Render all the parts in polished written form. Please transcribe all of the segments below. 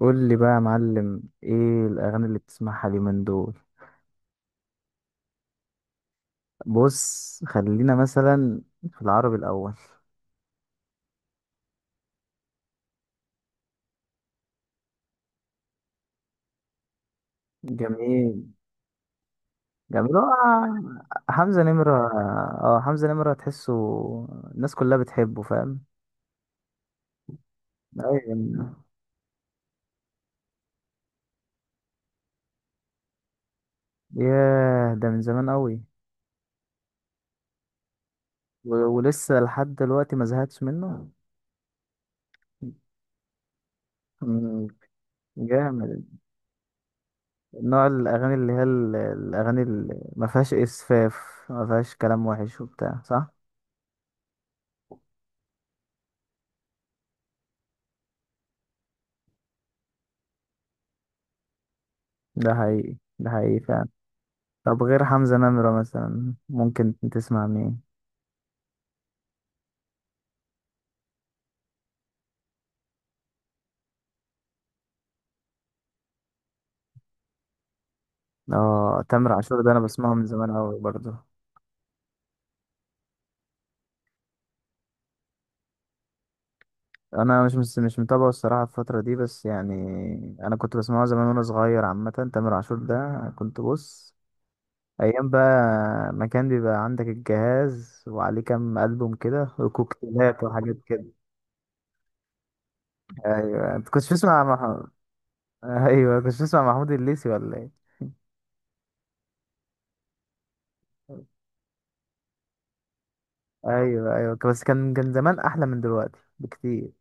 قول لي بقى يا معلم، ايه الاغاني اللي بتسمعها اليومين دول؟ بص، خلينا مثلا في العربي الاول. جميل، جميل، آه، حمزة نمرة. اه، حمزة نمرة تحسه الناس كلها بتحبه، فاهم؟ ايوه. ياه، ده من زمان قوي. ولسه لحد دلوقتي ما زهقتش منه. مم، جامد. نوع الاغاني اللي هي الاغاني اللي ما فيهاش اسفاف، ما فيهاش كلام وحش وبتاع، صح؟ ده حقيقي، ده حقيقي فعلا. طب غير حمزة نمرة مثلا ممكن تسمع مين؟ اه، تامر عاشور ده انا بسمعه من زمان قوي برضه. انا مش متابعه الصراحة الفترة دي، بس يعني، انا كنت بسمعه زمان وانا صغير. عامة تامر عاشور ده كنت بص، ايام بقى، ما كان بيبقى عندك الجهاز وعليه كام ألبوم كده وكوكتيلات وحاجات كده. ايوه، انت كنتش بتسمع محمود؟ ايوه، كنتش بتسمع محمود الليثي، ولا ايه؟ ايوه، ايوه، بس كان زمان احلى من دلوقتي بكتير.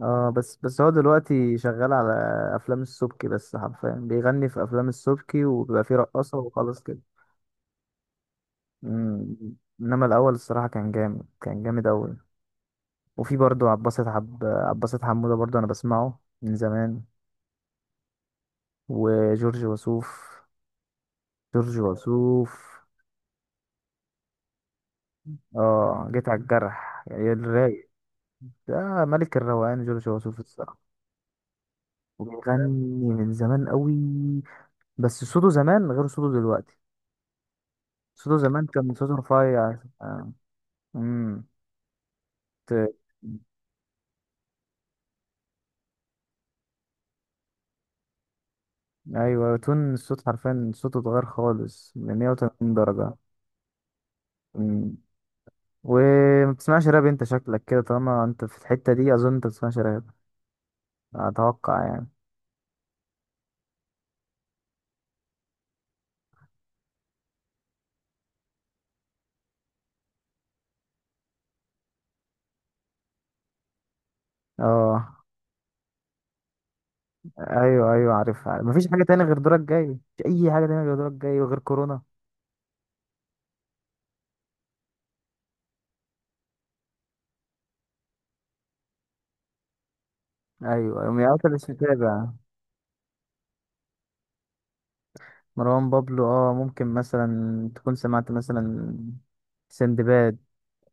اه، بس هو دلوقتي شغال على افلام السبكي، بس حرفيا بيغني في افلام السبكي وبيبقى فيه رقاصه وخلاص كده. مم. انما الاول الصراحه كان جامد، كان جامد اوي. وفي برضه عباسة، حب عباسة حموده برضه، انا بسمعه من زمان. وجورج وسوف. جورج وسوف. اه، جيت على الجرح يعني، الرايق. ده ملك الروقان جورج وسوف الصراحه. وبيغني من زمان قوي. بس صوته زمان غير صوته دلوقتي. صوته زمان كان صوته رفيع. آه، امم ت- ايوه، تون الصوت حرفيا صوته اتغير خالص من 180 درجة. امم وما بتسمعش راب، انت شكلك كده طالما انت في الحتة دي اظن انت بتسمعش راب، اتوقع يعني. اه، ايوه، ايوه، عارفها. مفيش حاجة تانية غير دورك جاي، مفيش اي حاجة تانية غير دورك جاي وغير كورونا. ايوه، يوم يا... مش متابع. مروان بابلو، اه، ممكن مثلا تكون سمعت مثلا سندباد.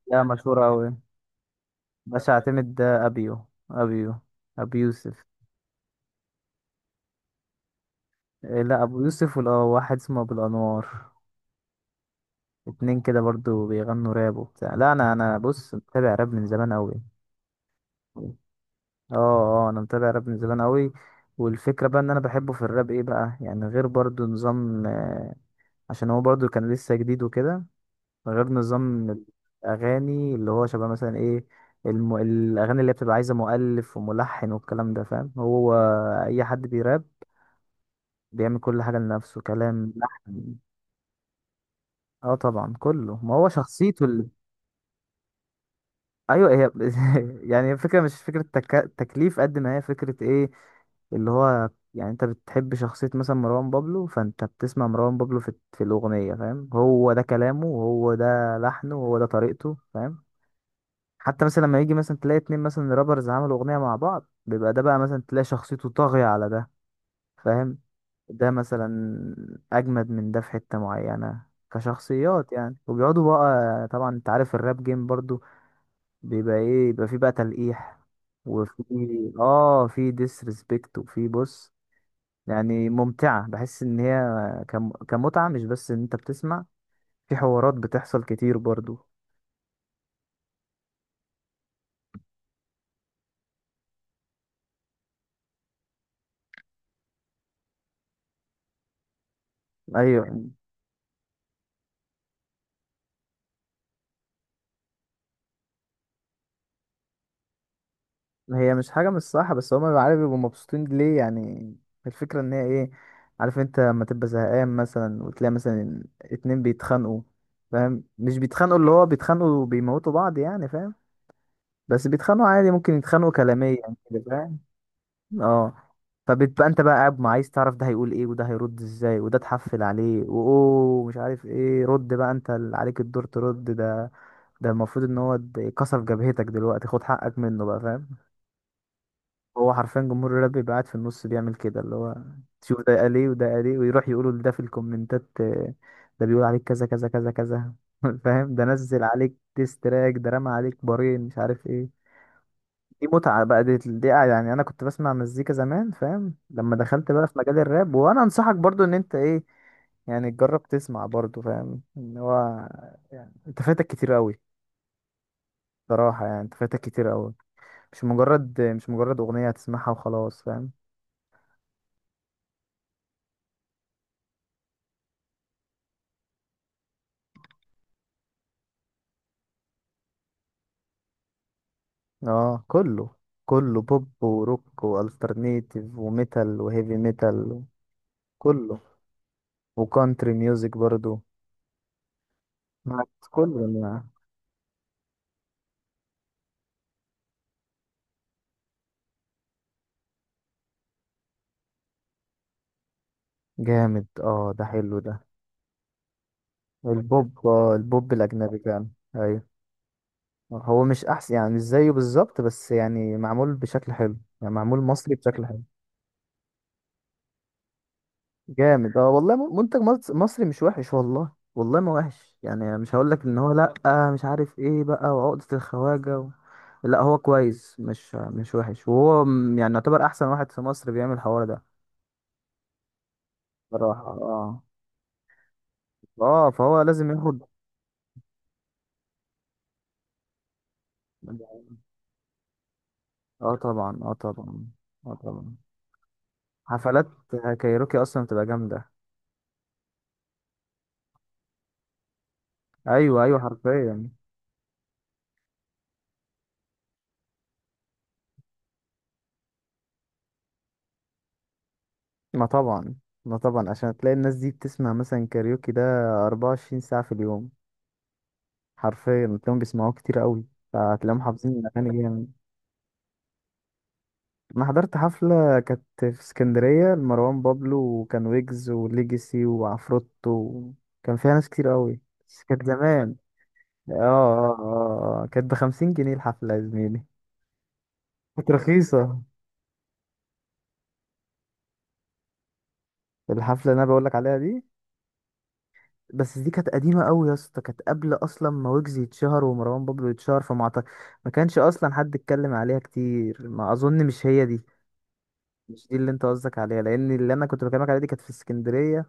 لا، مشهورة أوي. باش اعتمد ده ابيو ابيو ابو يوسف. إيه، لا، ابو يوسف، ولا واحد اسمه ابو الانوار. اتنين كده برضو بيغنوا راب وبتاع. لا، انا بص، متابع راب من زمان قوي. اه، اه، انا متابع راب من زمان قوي. والفكره بقى ان انا بحبه في الراب ايه بقى يعني، غير برضو نظام، عشان هو برضو كان لسه جديد وكده، غير نظام الاغاني اللي هو شبه مثلا ايه، الاغاني اللي بتبقى عايزه مؤلف وملحن والكلام ده، فاهم هو؟ اي حد بيراب بيعمل كل حاجة لنفسه، كلام، لحن. اه طبعا كله، ما هو شخصيته اللي... ايوه، هي يعني الفكرة مش فكرة تكليف قد ما هي فكرة ايه، اللي هو يعني انت بتحب شخصية مثلا مروان بابلو، فانت بتسمع مروان بابلو في الأغنية، فاهم؟ هو ده كلامه وهو ده لحنه وهو ده طريقته، فاهم؟ حتى مثلا لما يجي مثلا تلاقي اتنين مثلا رابرز عملوا أغنية مع بعض، بيبقى ده بقى مثلا تلاقي شخصيته طاغية على ده، فاهم؟ ده مثلا اجمد من ده في حتة معينة كشخصيات يعني، وبيقعدوا بقى طبعا. انت عارف الراب جيم برضو، بيبقى ايه، بيبقى فيه بقى تلقيح، وفي، اه، في ديسريسبكت، وفي بص، يعني ممتعة. بحس ان هي كمتعة، مش بس ان انت بتسمع، في حوارات بتحصل كتير برضو. ايوه، هي مش حاجة مش صح، بس هما بيبقوا عارف بيبقوا مبسوطين ليه يعني. الفكرة ان هي ايه، عارف انت لما تبقى زهقان مثلا وتلاقي مثلا اتنين بيتخانقوا، فاهم؟ مش بيتخانقوا اللي هو بيتخانقوا وبيموتوا بعض يعني، فاهم؟ بس بيتخانقوا عادي، ممكن يتخانقوا كلاميا كده، فاهم؟ اه. فبتبقى انت بقى قاعد، ما عايز تعرف ده هيقول ايه وده هيرد ازاي وده تحفل عليه، واوه مش عارف ايه، رد بقى انت، اللي عليك الدور ترد ده. ده المفروض ان هو كسر جبهتك دلوقتي، خد حقك منه بقى، فاهم؟ هو حرفيا جمهور الراب بيبقى قاعد في النص بيعمل كده، اللي هو تشوف ده قال ايه وده قال ايه، ويروح يقولوا لده في الكومنتات، ده بيقول عليك كذا كذا كذا كذا. فاهم؟ ده نزل عليك تراك، ده رمى عليك بارين مش عارف ايه. دي متعة بقى، دي يعني انا كنت بسمع مزيكا زمان، فاهم؟ لما دخلت بقى في مجال الراب، وانا انصحك برضو ان انت ايه، يعني تجرب تسمع برضو، فاهم ان هو يعني انت فاتك كتير قوي؟ صراحة يعني انت فاتك كتير قوي. مش مجرد اغنية هتسمعها وخلاص، فاهم؟ اه، كله بوب وروك والترنيتيف وميتال وهيفي ميتال، كله. وكانتري ميوزك برضو. معاك في كله يعني. جامد، اه، ده حلو ده. البوب، البوب الاجنبي كان، ايوه. هو مش احسن يعني مش زيه بالظبط، بس يعني معمول بشكل حلو، يعني معمول مصري بشكل حلو. جامد، اه، والله، منتج مصري مش وحش، والله، والله ما وحش يعني. مش هقول لك ان هو لا، مش عارف ايه بقى، وعقدة الخواجة و... لا، هو كويس، مش وحش، وهو يعني يعتبر احسن واحد في مصر بيعمل الحوار ده. بصراحة، اه، اه، فهو لازم ياخد. اه طبعا، اه طبعا، اه طبعا. حفلات كايروكي اصلا بتبقى جامدة. ايوه، ايوه، حرفيا. ما طبعا، ما طبعا، عشان تلاقي الناس دي بتسمع مثلا كاريوكي ده 24 ساعة في اليوم. حرفيا تلاقيهم بيسمعوه كتير قوي، فتلاقيهم حافظين الاغاني، جامد. انا حضرت حفله كانت في اسكندريه لمروان بابلو، وكان ويجز وليجاسي وعفروتو. كان فيها ناس كتير قوي، بس كانت زمان. اه، اه، اه، آه. كانت بـ50 جنيه الحفله يا زميلي. كانت رخيصه، الحفله اللي انا بقولك عليها دي. بس دي كانت قديمه قوي يا اسطى، كانت قبل اصلا ما ويجز يتشهر ومروان بابلو يتشهر، ما كانش اصلا حد اتكلم عليها كتير، ما اظن مش هي دي. مش دي اللي انت قصدك عليها، لان اللي انا كنت بكلمك عليها دي كانت في اسكندريه،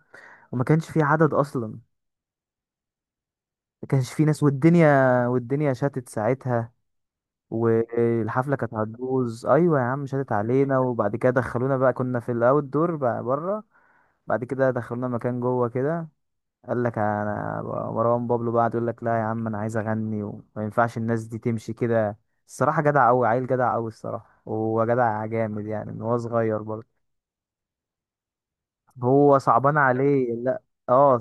وما كانش في عدد اصلا، ما كانش في ناس، والدنيا شتت ساعتها، والحفله كانت هتبوظ. ايوه يا عم شتت علينا، وبعد كده دخلونا بقى، كنا في الاوت دور بقى بره. بعد كده دخلونا مكان جوه كده. قال لك انا، مروان بابلو بقى يقول لك لا يا عم، انا عايز اغني وما ينفعش الناس دي تمشي كده. الصراحه جدع قوي، عيل جدع قوي الصراحه، وهو جدع جامد يعني من هو صغير برضه. هو صعبان عليه، لا، اه.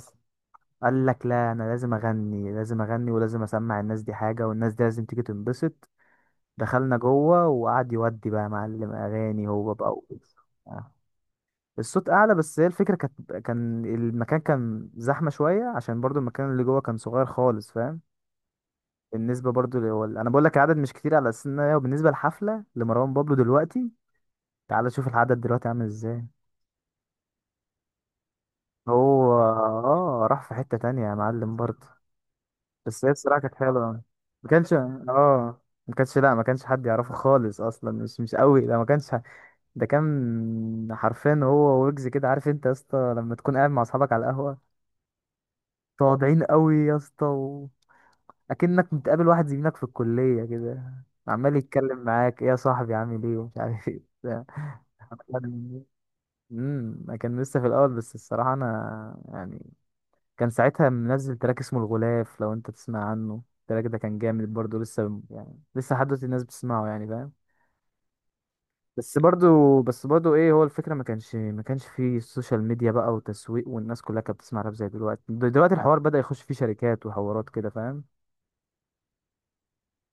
قال لك لا، انا لازم اغني، لازم اغني، ولازم اسمع الناس دي حاجه، والناس دي لازم تيجي تنبسط. دخلنا جوه وقعد يودي بقى معلم اغاني هو بقى آه. الصوت اعلى، بس هي الفكره كان المكان كان زحمه شويه، عشان برضو المكان اللي جوه كان صغير خالص، فاهم؟ بالنسبه برضو انا بقول لك العدد مش كتير، على اساس ان هي بالنسبه للحفله لمروان بابلو دلوقتي، تعال شوف العدد دلوقتي عامل ازاي. هو اه راح في حته تانية يا معلم برضو. بس هي الصراحة كانت حلوة أوي. ما كانش اه ما كانش لا ما كانش حد يعرفه خالص اصلا، مش قوي ده، ما كانش ح- ده كان حرفيا هو ويجز كده، عارف انت يا اسطى، لما تكون قاعد مع اصحابك على القهوة، تقعدين قوي يا اسطى و... اكنك متقابل واحد زميلك في الكلية كده، عمال يتكلم معاك، ايه يا صاحبي، عامل ايه ومش عارف ايه بتاع. كان لسه في الاول، بس الصراحة انا يعني، كان ساعتها منزل تراك اسمه الغلاف، لو انت تسمع عنه التراك ده كان جامد برضه، لسه يعني لسه لحد دلوقتي الناس بتسمعه يعني، فاهم؟ بس برضه بس برضه ايه، هو الفكرة ما كانش فيه السوشيال ميديا بقى وتسويق، والناس كلها كانت بتسمع راب زي دلوقتي. دلوقتي الحوار بدأ يخش فيه شركات وحوارات كده، فاهم؟